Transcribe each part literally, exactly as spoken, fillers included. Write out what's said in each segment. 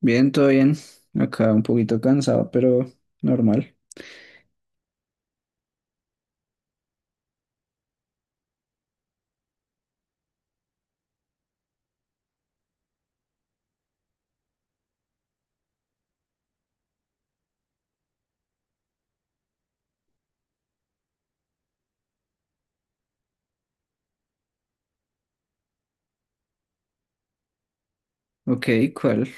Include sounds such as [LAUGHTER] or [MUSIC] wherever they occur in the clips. Bien, todo bien. Acá un poquito cansado, pero normal. Ok, ¿cuál?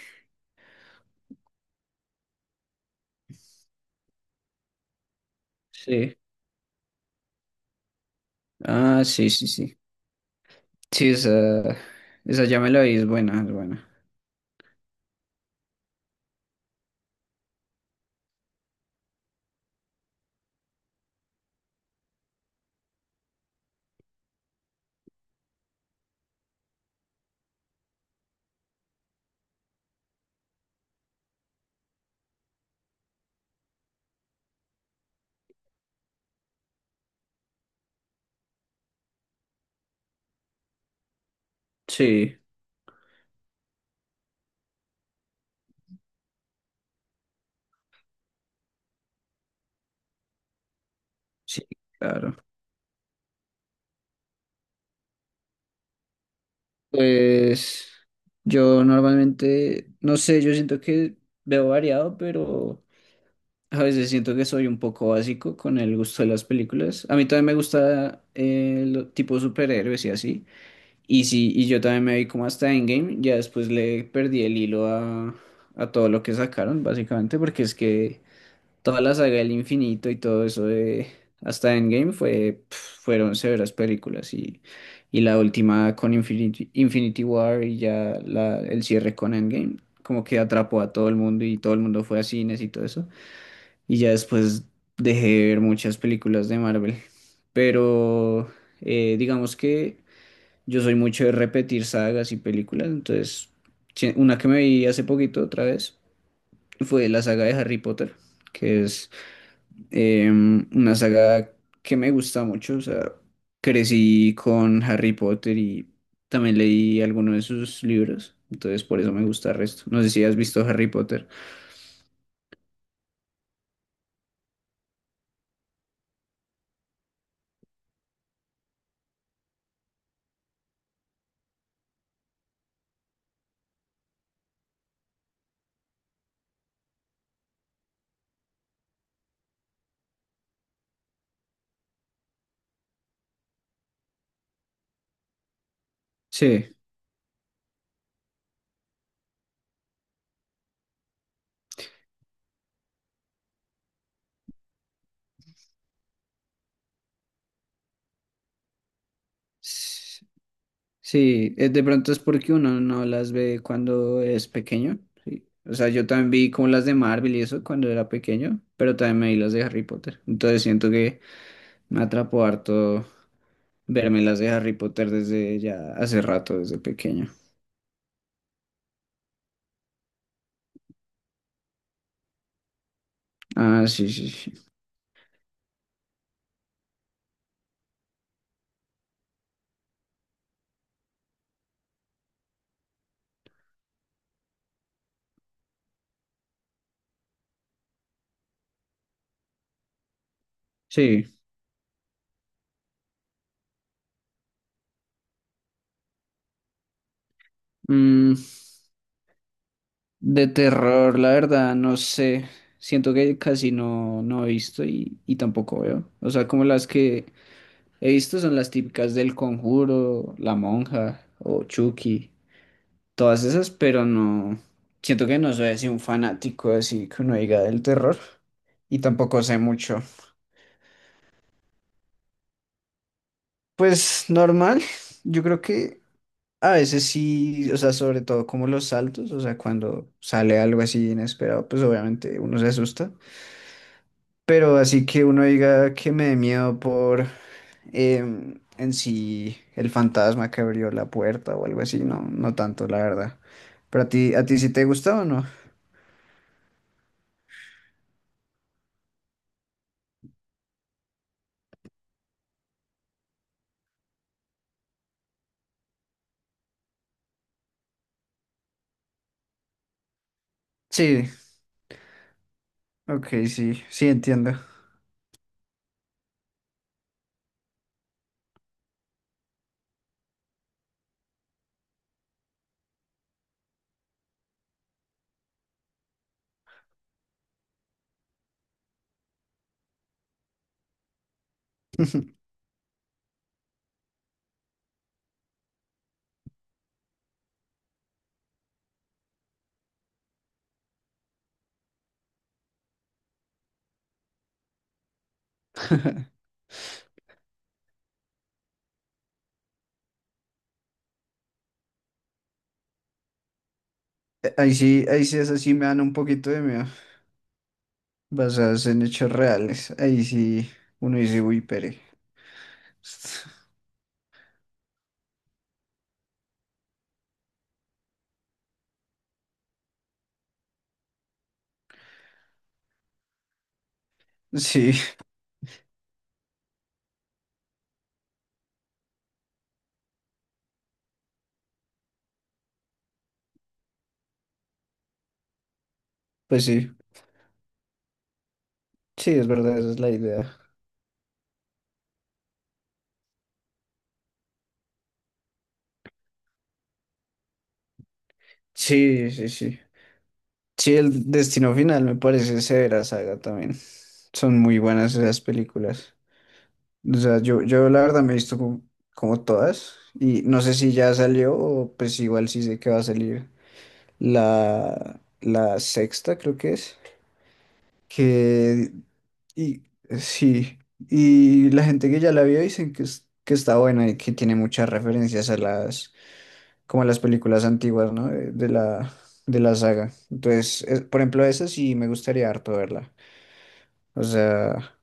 Sí. Ah, sí, sí, sí. Sí, esa, esa ya me la vi, es buena, es buena. Sí, sí, claro. Pues yo normalmente, no sé, yo siento que veo variado, pero a veces siento que soy un poco básico con el gusto de las películas. A mí también me gusta el tipo superhéroes y así. Y sí, y yo también me vi como hasta Endgame, ya después le perdí el hilo a, a todo lo que sacaron, básicamente, porque es que toda la saga del infinito y todo eso de hasta Endgame fue, pf, fueron severas películas y, y la última con Infinity, Infinity War y ya la, el cierre con Endgame, como que atrapó a todo el mundo y todo el mundo fue a cines y todo eso. Y ya después dejé de ver muchas películas de Marvel, pero eh, digamos que... Yo soy mucho de repetir sagas y películas, entonces sí, una que me vi hace poquito otra vez fue la saga de Harry Potter, que es eh, una saga que me gusta mucho, o sea, crecí con Harry Potter y también leí algunos de sus libros, entonces por eso me gusta el resto. No sé si has visto Harry Potter. Sí. Sí, eh, de pronto es porque uno no las ve cuando es pequeño. Sí. O sea, yo también vi como las de Marvel y eso cuando era pequeño, pero también me vi las de Harry Potter. Entonces siento que me atrapó harto verme las de Harry Potter desde ya hace rato, desde pequeño. Ah, sí, sí, sí. Sí. mm, de terror, la verdad, no sé. Siento que casi no, no he visto y, y tampoco veo. O sea, como las que He visto son las típicas del Conjuro, La Monja o Chucky, todas esas, pero no, siento que no soy así un fanático así que uno diga del terror y tampoco sé mucho. Pues normal, yo creo que a veces sí, o sea, sobre todo como los saltos, o sea, cuando sale algo así inesperado, pues obviamente uno se asusta, pero así que uno diga que me dé miedo por em, en sí el fantasma que abrió la puerta o algo así, no, no tanto, la verdad. ¿Pero a ti, a ti sí te gustó o no? Sí, ok, sí, sí entiendo. [LAUGHS] Eh, Ahí sí, ahí sí, esas sí me dan un poquito de miedo, basadas en hechos reales. Ahí sí, uno dice, uy, pere. [LAUGHS] Sí, pues sí, sí, es verdad, esa es la idea. Sí, sí, sí. Sí, el Destino Final me parece severa saga también. Son muy buenas esas películas. O sea, yo, yo la verdad me he visto como, como todas y no sé si ya salió o pues igual sí sé que va a salir la, la sexta, creo que es, que y sí, y la gente que ya la vio dicen que, es- que está buena y que tiene muchas referencias a las, como a las películas antiguas, ¿no? De, de la, de la saga. Entonces, es- por ejemplo, esa sí me gustaría harto verla. O sea,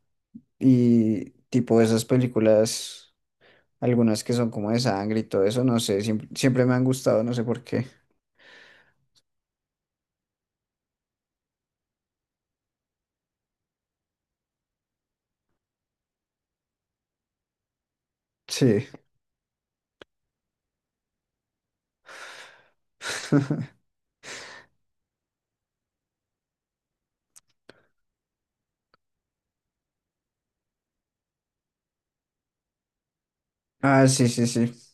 y tipo esas películas. Algunas que son como de sangre y todo eso, no sé, siempre, siempre me han gustado, no sé por qué. Sí. [LAUGHS] Ah, sí, sí, sí.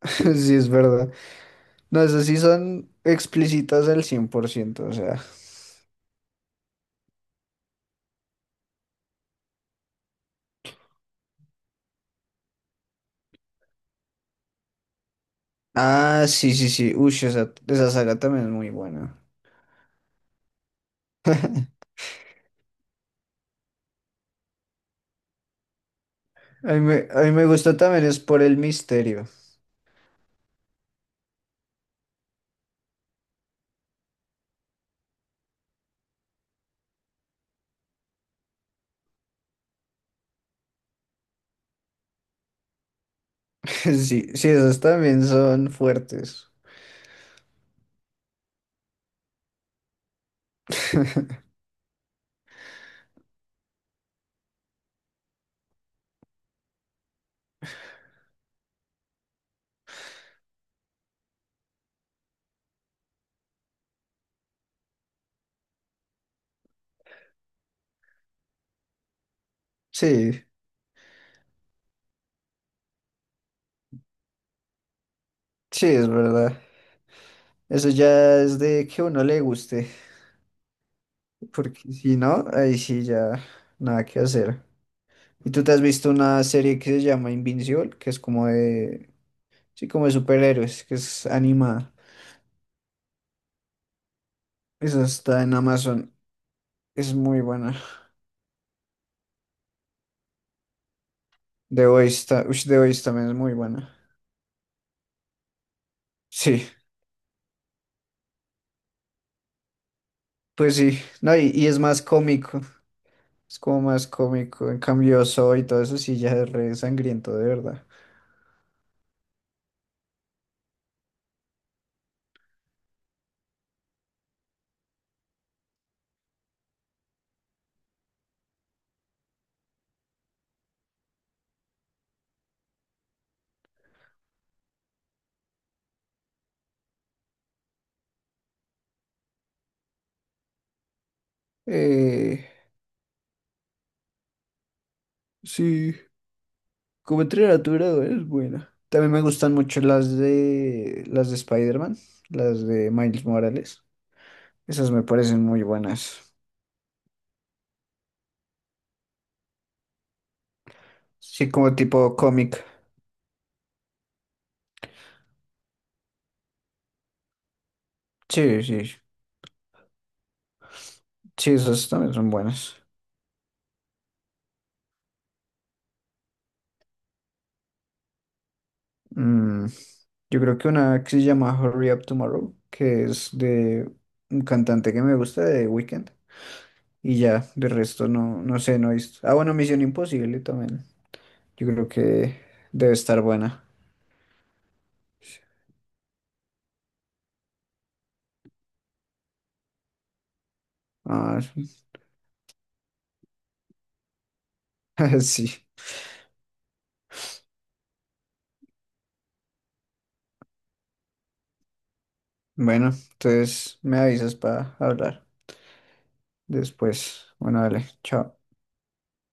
[LAUGHS] Sí, es verdad. No, esas sí son explícitas al cien por ciento o sea. Ah, sí, sí, sí. Uy, esa, esa saga también es muy buena. A mí me, a mí me gusta también es por el misterio. [LAUGHS] Sí, sí, esas también son fuertes. [LAUGHS] Sí, sí, es verdad. Eso ya es de que a uno le guste, porque si no, ahí sí ya nada que hacer. ¿Y tú te has visto una serie que se llama Invincible, que es como de, sí, como de superhéroes, que es animada? Esa está en Amazon, es muy buena. The Voice está, ush, The Voice también es muy buena. Sí, pues sí, no, y, y es más cómico, es como más cómico. En cambio, Soy y todo eso sí ya es re sangriento, de verdad. Eh, sí, Como entrenar a es buena. También me gustan mucho las de las de Spider-Man, las de Miles Morales. Esas me parecen muy buenas. Sí, como tipo cómic. Sí, sí. Sí, esas también son buenas. Mm, yo creo que una que se llama Hurry Up Tomorrow, que es de un cantante que me gusta de Weekend Y ya, de resto no, no sé, no he visto. Ah, bueno, Misión Imposible también. Yo creo que debe estar buena. Ah, [LAUGHS] sí. Bueno, entonces me avisas para hablar después. Bueno, dale, chao.